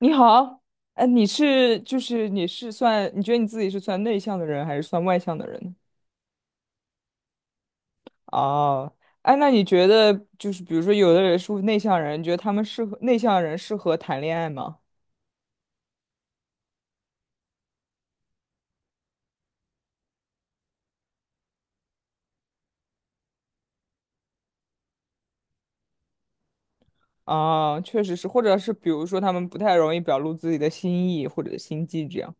你好。哎，你是就是你是算，你觉得你自己是算内向的人还是算外向的人呢？哦。哎，那你觉得就是比如说有的人是内向人，你觉得他们适合内向人适合谈恋爱吗？啊，确实是，或者是比如说他们不太容易表露自己的心意或者心机这样。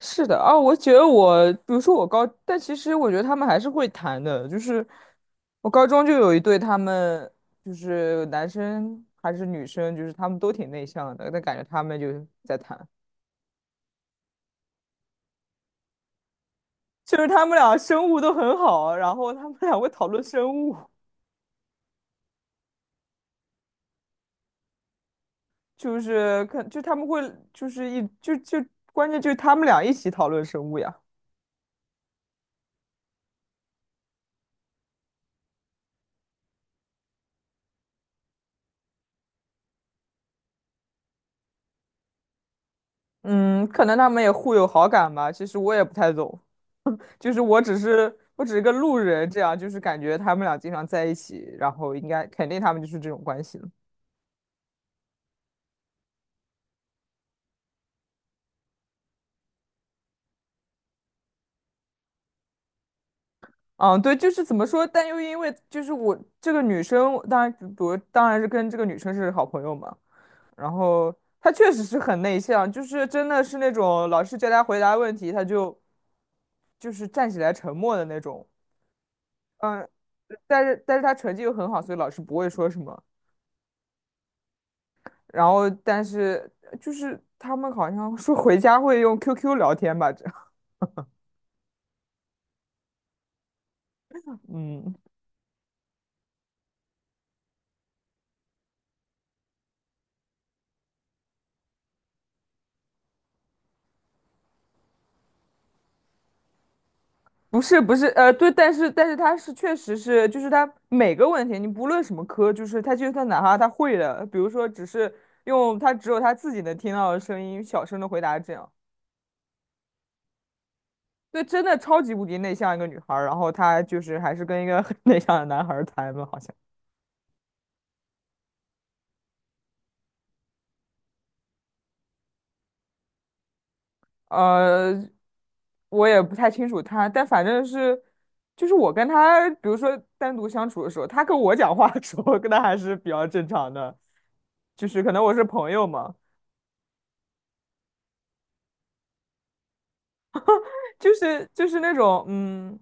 是的。啊，我觉得我，比如说但其实我觉得他们还是会谈的，就是我高中就有一对，他们就是男生还是女生，就是他们都挺内向的，但感觉他们就在谈。就是他们俩生物都很好，然后他们俩会讨论生物。就是可就他们会就是一就就关键就是他们俩一起讨论生物呀。嗯，可能他们也互有好感吧，其实我也不太懂。就是我只是个路人，这样就是感觉他们俩经常在一起，然后应该肯定他们就是这种关系了。嗯，对，就是怎么说，但又因为就是我这个女生，当然当然是跟这个女生是好朋友嘛。然后她确实是很内向，就是真的是那种老师叫她回答问题，她就是站起来沉默的那种。嗯，但是她成绩又很好，所以老师不会说什么。然后但是就是他们好像说回家会用 QQ 聊天吧，这样。嗯。不是不是，对，但是确实是，就是他每个问题，你不论什么科，就是他就算哪怕他会的，比如说只是用他只有他自己能听到的声音，小声的回答这样。对，真的超级无敌内向一个女孩儿，然后她就是还是跟一个很内向的男孩儿谈了，好像。呃，我也不太清楚他，但反正是，就是我跟他，比如说单独相处的时候，他跟我讲话的时候，跟他还是比较正常的，就是可能我是朋友嘛。就是那种，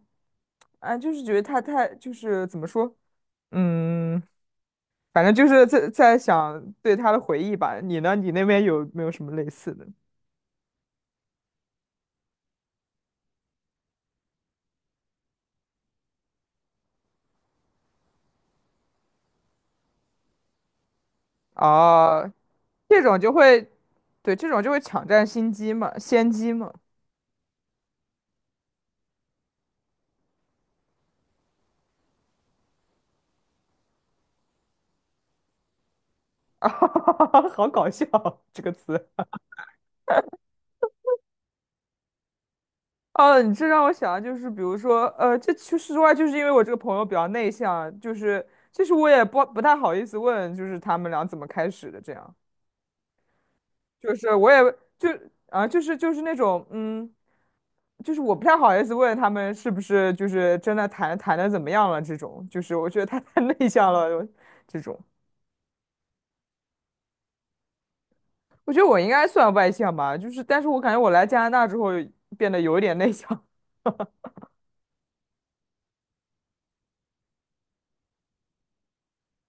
啊，就是觉得他太就是怎么说，嗯，反正就是在想对他的回忆吧。你呢？你那边有没有什么类似的？啊？这种就会，对，这种就会抢占心机嘛，先机嘛。啊，好搞笑这个词。哦，你这让我想，就是比如说，这其实实话，就是因为我这个朋友比较内向，就是其实我也不太好意思问，就是他们俩怎么开始的这样。就是我也就啊，就是那种，就是我不太好意思问他们是不是就是真的谈的怎么样了这种，就是我觉得他 太内向了这种。我觉得我应该算外向吧，就是但是我感觉我来加拿大之后变得有一点内向。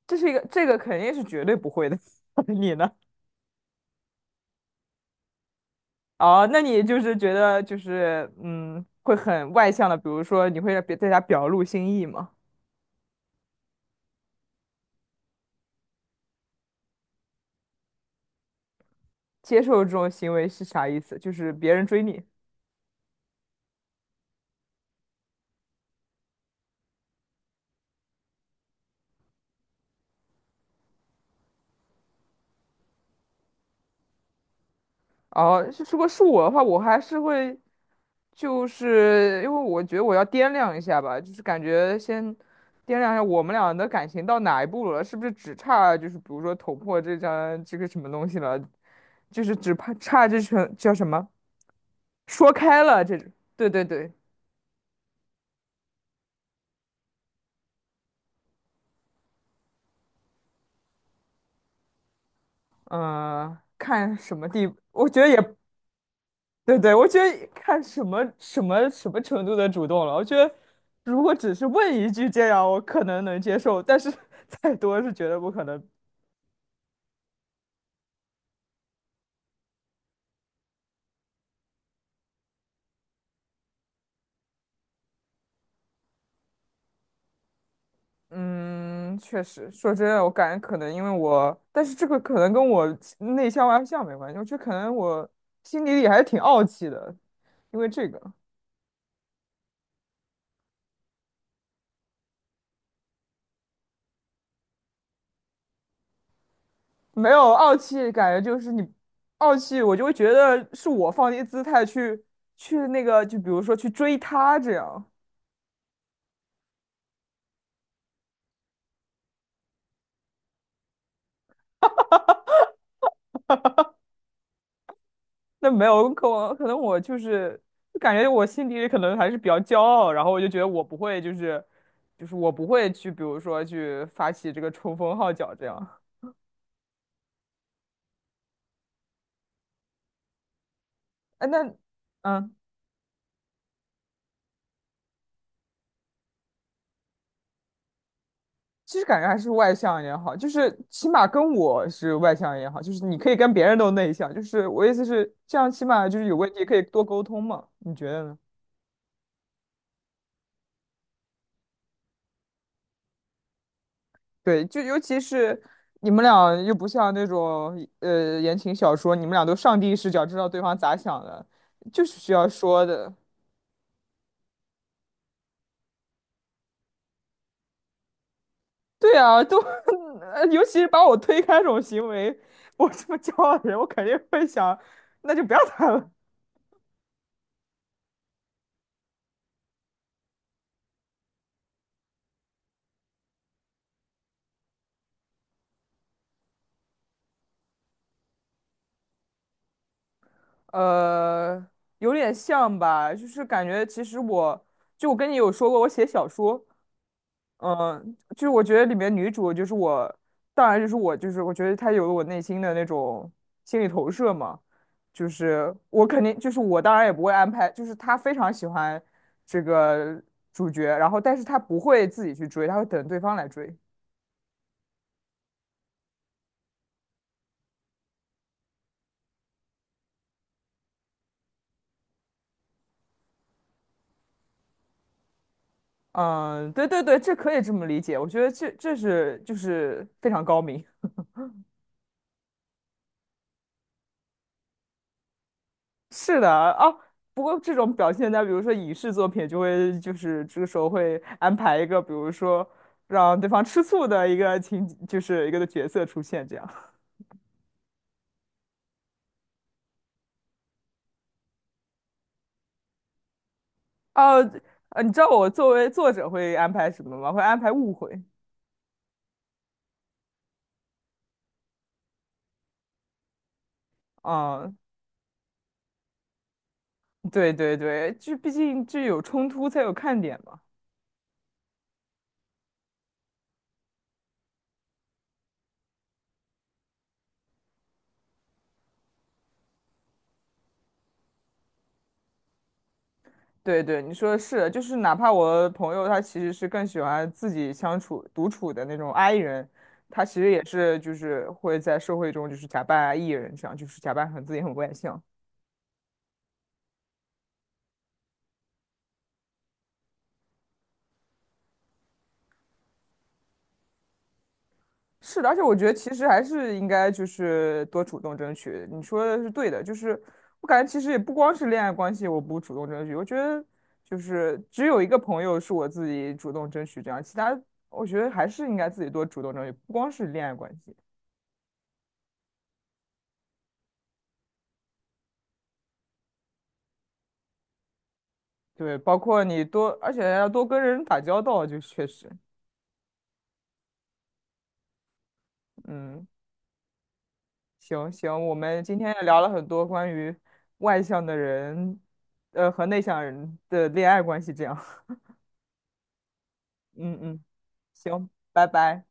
这个肯定是绝对不会的。你呢？哦，那你就是觉得就是，会很外向的，比如说你会在别在家表露心意吗？接受这种行为是啥意思？就是别人追你。哦，是如果是我的话，我还是会，就是因为我觉得我要掂量一下吧，就是感觉先掂量一下我们俩的感情到哪一步了，是不是只差就是比如说捅破这个什么东西了，就是只怕差这层叫什么说开了这种，对对对。嗯，看什么地步，我觉得也。对对，我觉得看什么程度的主动了。我觉得如果只是问一句这样，我可能能接受，但是 再多是绝对不可能。嗯，确实，说真的，我感觉可能因为我，但是这个可能跟我内向外向没关系，我觉得可能我心里还是挺傲气的。因为这个没有傲气，感觉就是你傲气，我就会觉得是我放低姿态去那个，就比如说去追他这样。那没有，可我可能我就是就感觉我心底里可能还是比较骄傲。然后我就觉得我不会就是就是我不会去，比如说去发起这个冲锋号角这样。哎，那，嗯，其实感觉还是外向一点好，就是起码跟我是外向也好，就是你可以跟别人都内向，就是我意思是这样，起码就是有问题可以多沟通嘛，你觉得呢？对，就尤其是你们俩又不像那种言情小说，你们俩都上帝视角知道对方咋想的，就是需要说的。对啊。尤其是把我推开这种行为，我这么骄傲的人，我肯定会想，那就不要谈了。呃，有点像吧，就是感觉其实我跟你有说过，我写小说。嗯，就是我觉得里面女主就是我，当然就是我，就是我觉得她有了我内心的那种心理投射嘛，就是我肯定就是我当然也不会安排，就是她非常喜欢这个主角，然后但是她不会自己去追，她会等对方来追。嗯，对对对，这可以这么理解，我觉得这是就是非常高明。是的哦，不过这种表现在比如说影视作品，就是这个时候会安排一个，比如说让对方吃醋的一个情，就是一个的角色出现这样。哦，你知道我作为作者会安排什么吗？会安排误会。嗯，对对对，就毕竟这有冲突才有看点嘛。对对，你说的是，就是哪怕我朋友他其实是更喜欢自己相处独处的那种 I 人，他其实也是就是会在社会中就是假扮 E 人，这样就是假扮很自己很外向。是的，而且我觉得其实还是应该就是多主动争取。你说的是对的，就是我感觉其实也不光是恋爱关系，我不主动争取，我觉得就是只有一个朋友是我自己主动争取这样，其他我觉得还是应该自己多主动争取，不光是恋爱关系。对，包括你多，而且要多跟人打交道，就确实。嗯，行行，我们今天也聊了很多关于外向的人，和内向人的恋爱关系，这样。嗯嗯。行，拜拜。